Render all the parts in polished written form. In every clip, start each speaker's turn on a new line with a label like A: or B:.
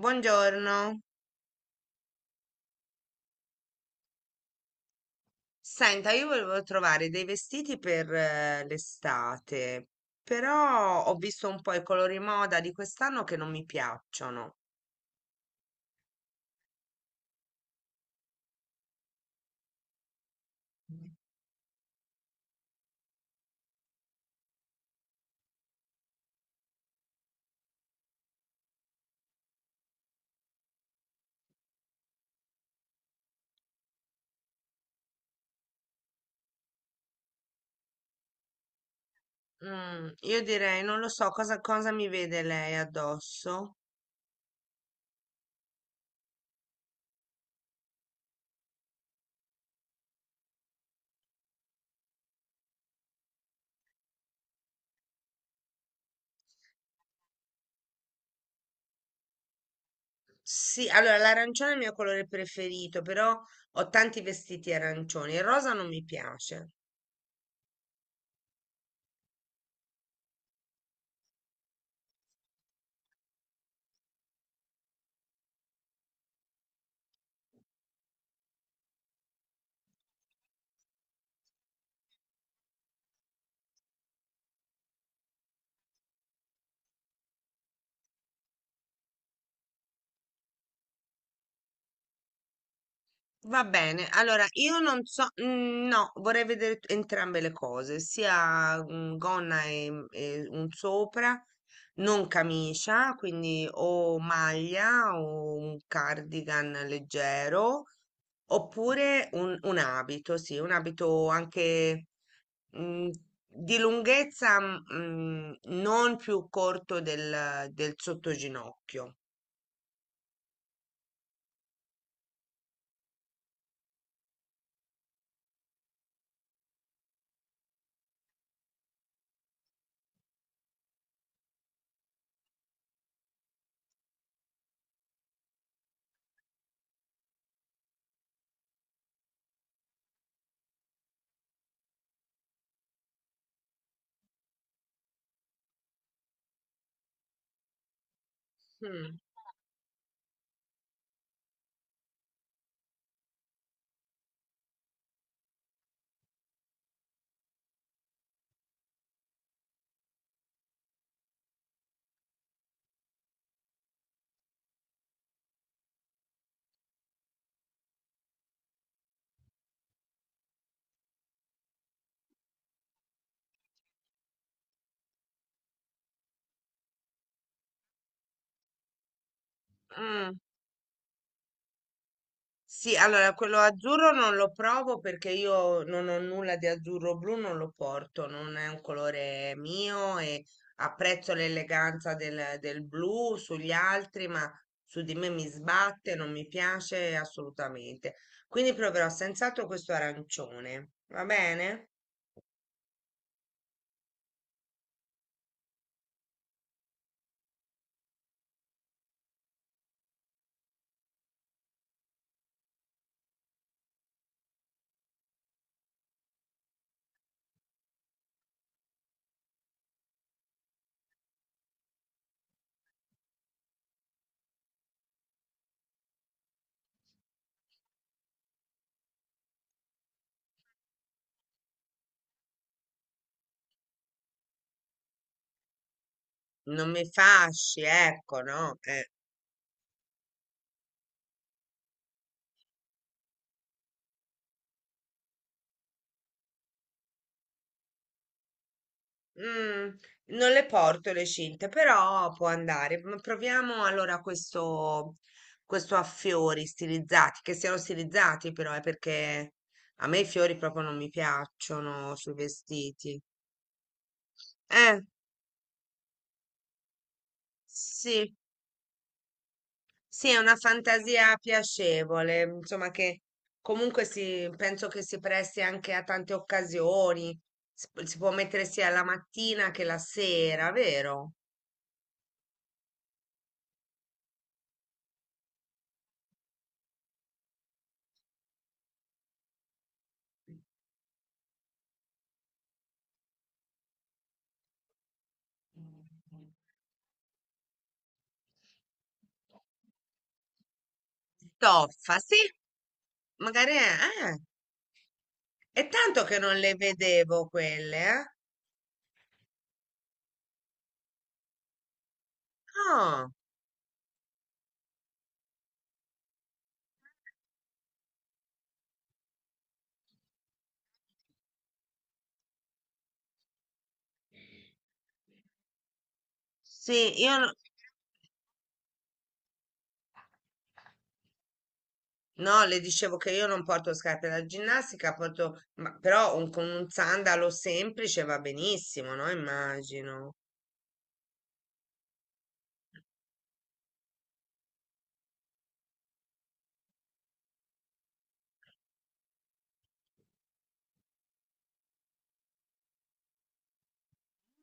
A: Buongiorno. Senta, io volevo trovare dei vestiti per l'estate, però ho visto un po' i colori moda di quest'anno che non mi piacciono. Mm, io direi, non lo so, cosa mi vede lei addosso? Sì, allora l'arancione è il mio colore preferito, però ho tanti vestiti arancioni. Il rosa non mi piace. Va bene, allora io non so, mm, no, vorrei vedere entrambe le cose, sia gonna e, e un sopra, non camicia, quindi o maglia o un cardigan leggero, oppure un abito, sì, un abito anche mm, di lunghezza non più corto del sottoginocchio. Mm. Mm. Sì, allora quello azzurro non lo provo perché io non ho nulla di azzurro blu, non lo porto, non è un colore mio e apprezzo l'eleganza del blu sugli altri, ma su di me mi sbatte, non mi piace assolutamente. Quindi proverò senz'altro questo arancione, va bene? Non mi fasci, ecco, no? Mm, non le porto le cinte, però può andare. Proviamo allora questo a fiori stilizzati, che siano stilizzati però, è perché a me i fiori proprio non mi piacciono sui vestiti. Eh, sì, sì, è una fantasia piacevole, insomma che comunque si, penso che si presti anche a tante occasioni. Si, si può mettere sia la mattina che la sera, vero? Toffa, sì. Magari è tanto che non le vedevo quelle, eh? Ah, sì, io no, no, le dicevo che io non porto scarpe da ginnastica, porto, ma, però con un sandalo semplice va benissimo, no? Immagino.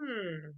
A: Mm,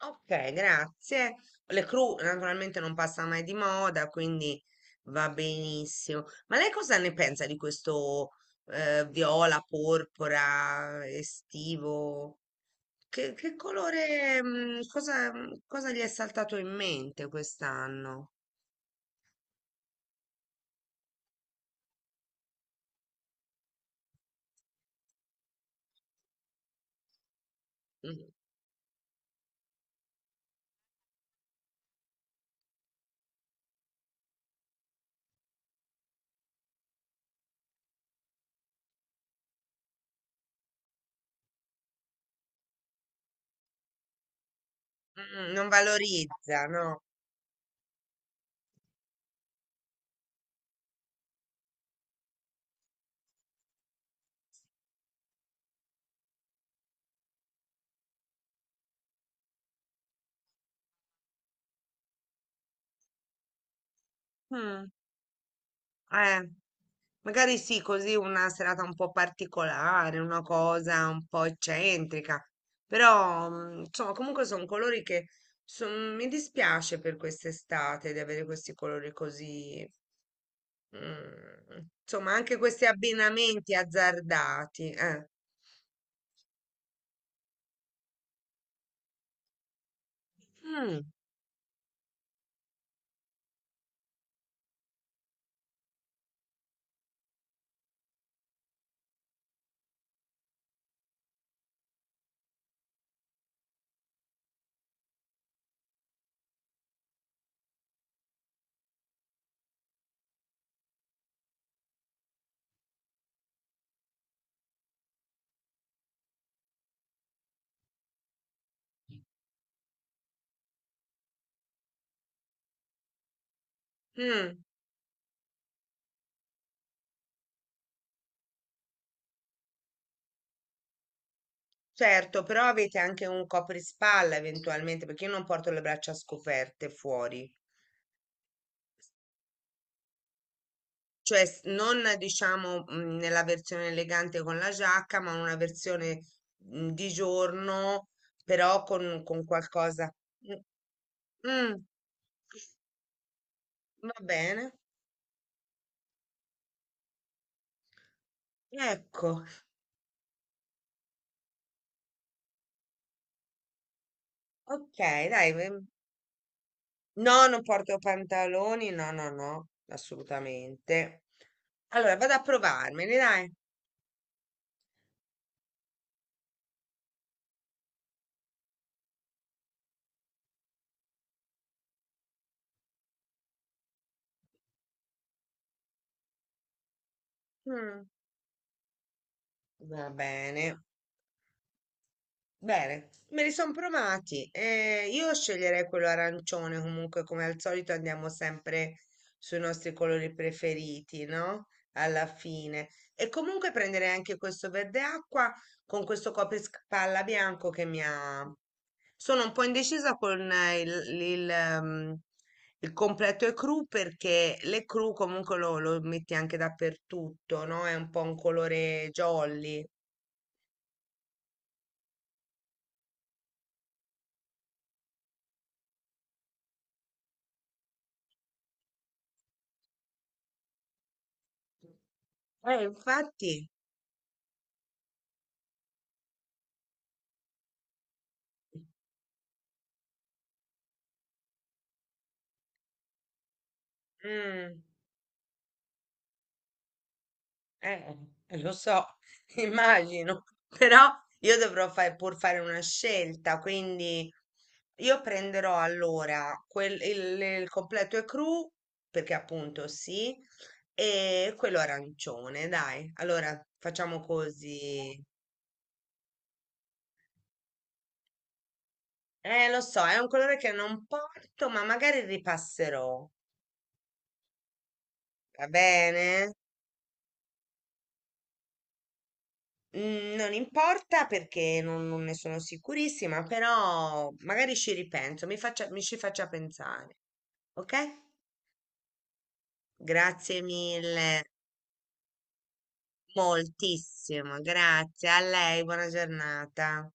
A: ok, grazie. Le cru naturalmente non passa mai di moda, quindi va benissimo. Ma lei cosa ne pensa di questo viola, porpora, estivo? Che colore, cosa, cosa gli è saltato in mente quest'anno? Mm, mm, mm, non valorizza, no? Mm, eh, magari sì, così una serata un po' particolare, una cosa un po' eccentrica, però insomma, comunque sono colori che mi dispiace per quest'estate di avere questi colori così, mm, insomma, anche questi abbinamenti azzardati, eh. Mm, mm. Certo, però avete anche un coprispalla eventualmente, perché io non porto le braccia scoperte fuori, cioè non diciamo nella versione elegante con la giacca, ma una versione di giorno, però con qualcosa. Mm, mm, va bene, ecco, ok, dai. No, non porto pantaloni, no, no, no, assolutamente. Allora, vado a provarmeli, dai. Mm, va bene. Bene, me li sono provati. Io sceglierei quello arancione, comunque come al solito andiamo sempre sui nostri colori preferiti, no? Alla fine. E comunque prenderei anche questo verde acqua con questo coprispalla bianco che mi ha... Sono un po' indecisa con il, ehm, il completo e cru perché le cru comunque lo metti anche dappertutto, no? È un po' un colore jolly. Infatti... Mm, eh, lo so, immagino, però io pur fare una scelta, quindi io prenderò allora il completo e cru, perché appunto sì, e quello arancione, dai, allora facciamo così. Lo so, è un colore che non porto, ma magari ripasserò, va bene? Mm, non importa perché non ne sono sicurissima, però magari ci ripenso, mi ci faccia pensare, ok? Grazie mille, moltissimo, grazie a lei, buona giornata.